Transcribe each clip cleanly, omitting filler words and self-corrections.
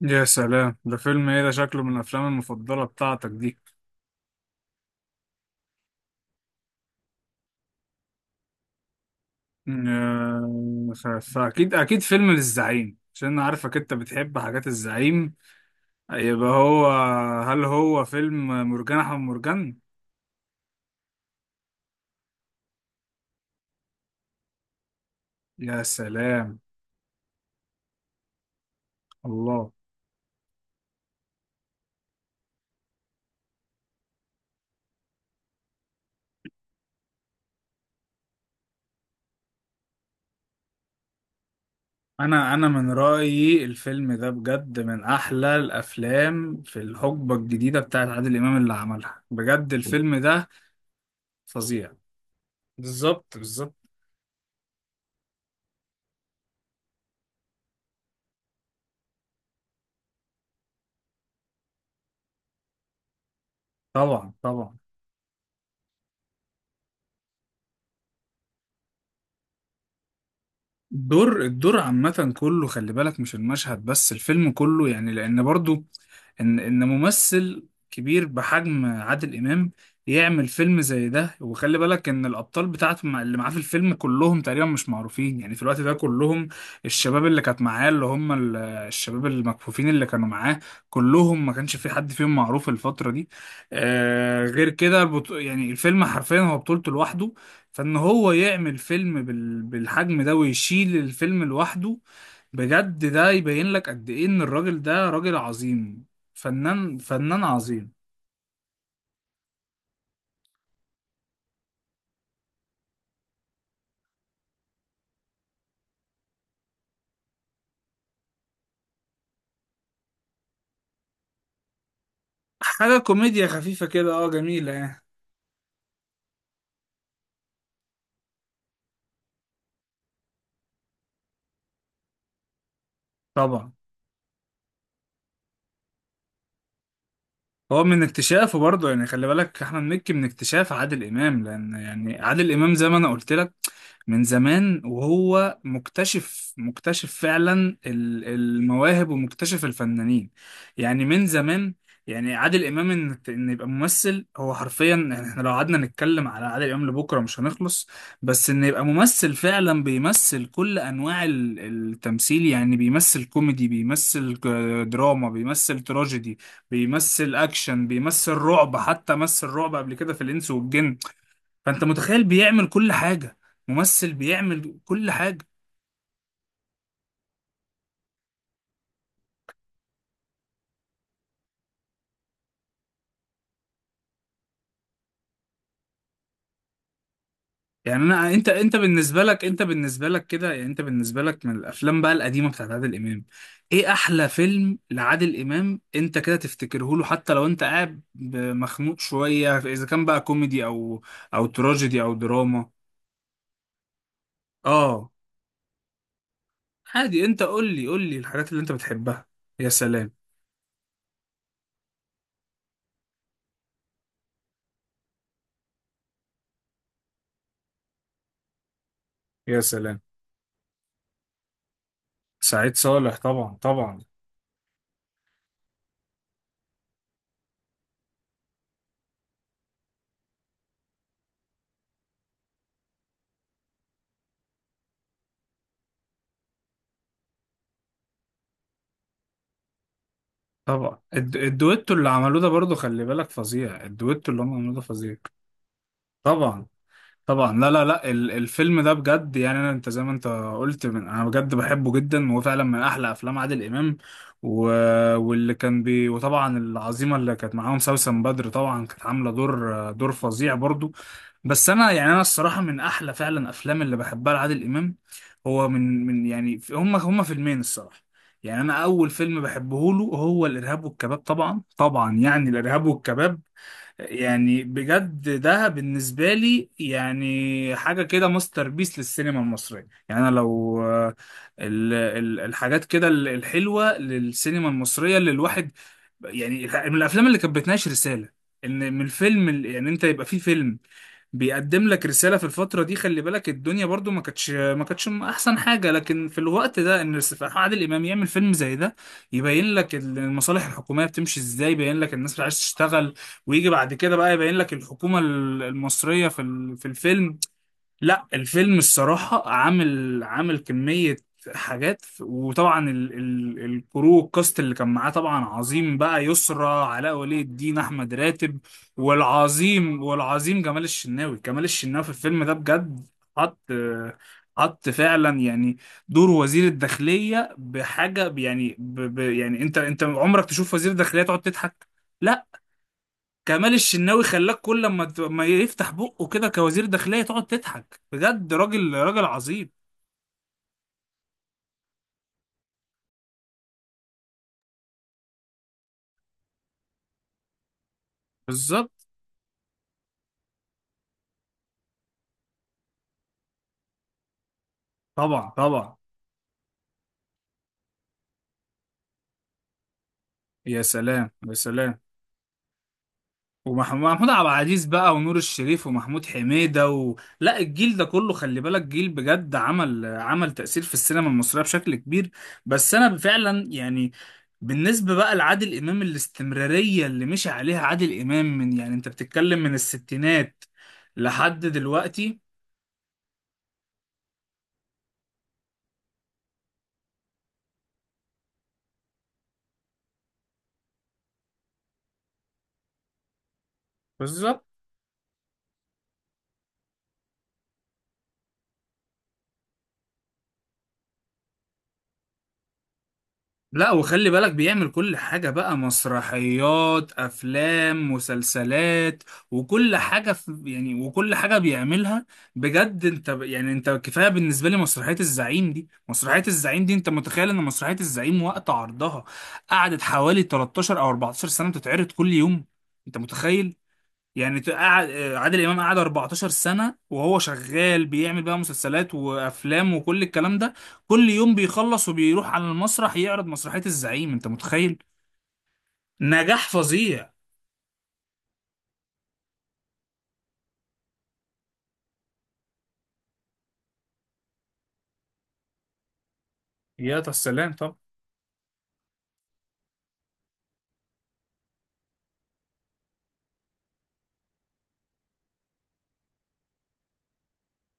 يا سلام، ده فيلم ايه ده؟ شكله من الافلام المفضله بتاعتك دي. آه، ف- فاكيد فيلم للزعيم عشان انا عارفك انت بتحب حاجات الزعيم. يبقى هو. هل هو فيلم مرجان احمد مرجان؟ يا سلام. الله. انا من رايي الفيلم ده بجد من احلى الافلام في الحقبه الجديده بتاعت عادل امام اللي عملها، بجد الفيلم ده فظيع. بالظبط بالظبط. طبعا طبعا. الدور عامة كله، خلي بالك مش المشهد بس، الفيلم كله يعني، لأن برضو إن ممثل كبير بحجم عادل إمام يعمل فيلم زي ده، وخلي بالك إن الأبطال بتاعته اللي معاه في الفيلم كلهم تقريبا مش معروفين، يعني في الوقت ده كلهم الشباب اللي كانت معاه، اللي هم الشباب المكفوفين اللي كانوا معاه كلهم، ما كانش في حد فيهم معروف الفترة دي. غير كده، يعني الفيلم حرفيا هو بطولته لوحده. فان هو يعمل فيلم بالحجم ده ويشيل الفيلم لوحده، بجد ده يبين لك قد ايه ان الراجل ده راجل عظيم. فنان فنان عظيم. حاجة كوميديا خفيفة كده، اه جميلة يعني. طبعا. هو من اكتشافه برضه، يعني خلي بالك احمد مكي من اكتشاف عادل امام، لان يعني عادل امام زي ما انا قلت لك من زمان، وهو مكتشف فعلا المواهب ومكتشف الفنانين، يعني من زمان. يعني عادل امام ان يبقى ممثل، هو حرفيا يعني احنا لو قعدنا نتكلم على عادل امام لبكره مش هنخلص. بس ان يبقى ممثل فعلا بيمثل كل انواع التمثيل، يعني بيمثل كوميدي، بيمثل دراما، بيمثل تراجيدي، بيمثل اكشن، بيمثل رعب، حتى مثل رعب قبل كده في الانس والجن. فانت متخيل بيعمل كل حاجه. ممثل بيعمل كل حاجه. يعني انا انت انت بالنسبه لك كده، يعني انت بالنسبه لك من الافلام بقى القديمه بتاعت عادل امام، ايه احلى فيلم لعادل امام انت كده تفتكره له، حتى لو انت قاعد مخنوق شويه، اذا كان بقى كوميدي او تراجيدي او دراما. اه عادي، انت قول لي الحاجات اللي انت بتحبها. يا سلام يا سلام. سعيد صالح طبعا طبعا. طبعا الدويتو اللي عملوه ده برضو خلي بالك فظيع، الدويتو اللي هم عملوه ده فظيع. طبعا طبعا. لا لا لا، الفيلم ده بجد، يعني انا انت زي ما انت قلت من، انا بجد بحبه جدا وهو فعلا من احلى افلام عادل امام. و... واللي كان بي، وطبعا العظيمه اللي كانت معاهم سوسن بدر طبعا، كانت عامله دور فظيع برضو. بس انا يعني انا الصراحه من احلى فعلا افلام اللي بحبها لعادل امام. هو من يعني هم فيلمين الصراحه. يعني انا اول فيلم بحبه له هو الارهاب والكباب، طبعا طبعا، يعني الارهاب والكباب. يعني بجد ده بالنسبة لي يعني حاجة كده ماستر بيس للسينما المصرية، يعني أنا لو الحاجات كده الحلوة للسينما المصرية اللي الواحد، يعني من الافلام اللي كانت بتناقش رساله، ان من الفيلم يعني انت يبقى في فيلم بيقدم لك رساله في الفتره دي، خلي بالك الدنيا برضو ما كانتش احسن حاجه، لكن في الوقت ده ان عادل امام يعمل فيلم زي ده يبين لك المصالح الحكوميه بتمشي ازاي، يبين لك الناس مش عايزه تشتغل، ويجي بعد كده بقى يبين لك الحكومه المصريه في في الفيلم. لا الفيلم الصراحة عامل كمية حاجات. وطبعا ال ال الكاست اللي كان معاه طبعا عظيم بقى، يسرى، علاء ولي الدين، أحمد راتب، والعظيم جمال الشناوي، جمال الشناوي في الفيلم ده بجد حط حط فعلا يعني دور وزير الداخلية بحاجة يعني ب يعني انت عمرك تشوف وزير الداخلية تقعد تضحك؟ لا. كمال الشناوي خلاك كل ما ما يفتح بقه كده كوزير داخلية تقعد تضحك، بجد راجل راجل عظيم. بالظبط. طبعا طبعا. يا سلام يا سلام. ومحمود عبد العزيز بقى، ونور الشريف، ومحمود حميدة، لا، الجيل ده كله خلي بالك جيل بجد، عمل تأثير في السينما المصرية بشكل كبير. بس أنا فعلا يعني بالنسبة بقى لعادل إمام، الاستمرارية اللي مشي عليها عادل إمام من، يعني أنت بتتكلم من الستينات لحد دلوقتي. بالظبط. لا وخلي بالك بيعمل كل حاجة بقى، مسرحيات، أفلام، مسلسلات، وكل حاجة في يعني، وكل حاجة بيعملها بجد. أنت يعني أنت كفاية بالنسبة لي مسرحية الزعيم دي، مسرحية الزعيم دي أنت متخيل إن مسرحية الزعيم وقت عرضها قعدت حوالي 13 أو 14 سنة بتتعرض كل يوم، أنت متخيل؟ يعني قعد عادل امام، قعد 14 سنه وهو شغال بيعمل بقى مسلسلات وافلام وكل الكلام ده، كل يوم بيخلص وبيروح على المسرح يعرض مسرحيه الزعيم، انت متخيل؟ نجاح فظيع. يا سلام طبعا.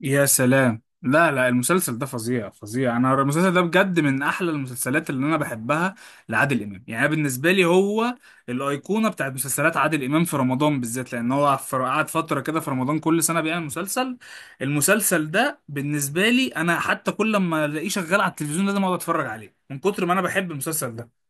يا سلام، لا لا المسلسل ده فظيع فظيع، انا المسلسل ده بجد من احلى المسلسلات اللي انا بحبها لعادل امام، يعني أنا بالنسبه لي هو الايقونه بتاعت مسلسلات عادل امام في رمضان بالذات، لان هو قعد فتره كده في رمضان كل سنه بيعمل مسلسل، المسلسل ده بالنسبه لي انا حتى كل ما الاقيه شغال على التلفزيون لازم اقعد اتفرج عليه من كتر ما انا بحب المسلسل ده.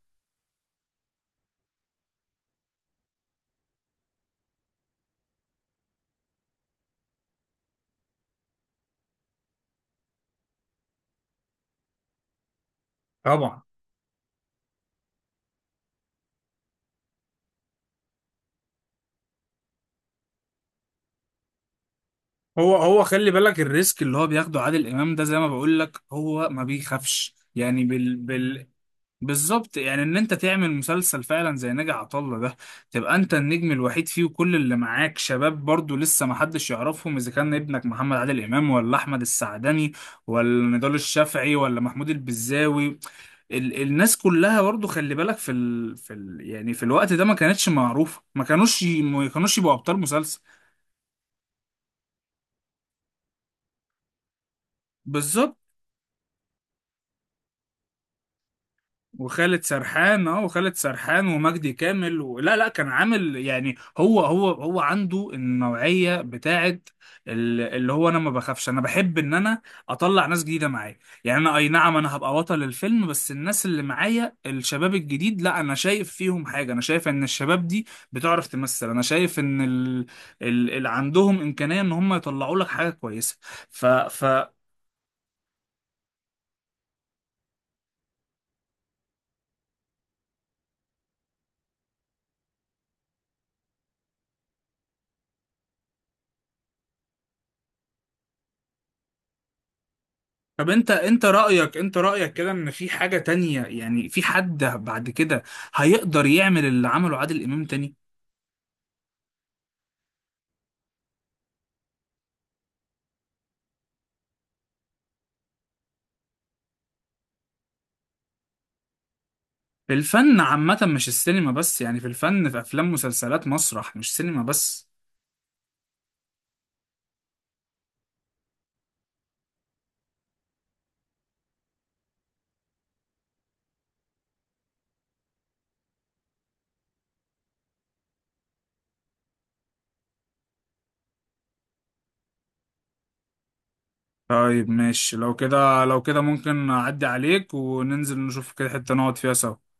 طبعا. هو خلي بالك الريسك اللي هو بياخده عادل امام ده زي ما بقول لك هو ما بيخافش، يعني بالظبط، يعني ان انت تعمل مسلسل فعلا زي ناجي عطا الله ده، تبقى انت النجم الوحيد فيه وكل اللي معاك شباب برضو لسه ما حدش يعرفهم، اذا كان ابنك محمد عادل امام، ولا احمد السعدني، ولا نضال الشافعي، ولا محمود البزاوي، الناس كلها برضو خلي بالك في ال في ال يعني في الوقت ده ما كانتش معروفة، ما كانوش يبقوا ابطال مسلسل. بالظبط. وخالد سرحان ومجدي كامل لا لا كان عامل يعني هو عنده النوعية بتاعت اللي هو انا ما بخافش، انا بحب ان انا اطلع ناس جديدة معايا. يعني انا اي نعم انا هبقى بطل الفيلم بس الناس اللي معايا الشباب الجديد، لا انا شايف فيهم حاجة، انا شايف ان الشباب دي بتعرف تمثل، انا شايف ان اللي عندهم امكانية ان هم يطلعوا لك حاجة كويسة. ف... ف... طب انت رأيك، انت رأيك كده ان في حاجة تانية، يعني في حد بعد كده هيقدر يعمل اللي عمله عادل امام تاني؟ في الفن عامة مش السينما بس، يعني في الفن، في افلام، مسلسلات، مسرح، مش سينما بس. طيب ماشي، لو كده لو كده ممكن اعدي عليك وننزل نشوف كده حتة نقعد فيها سوا.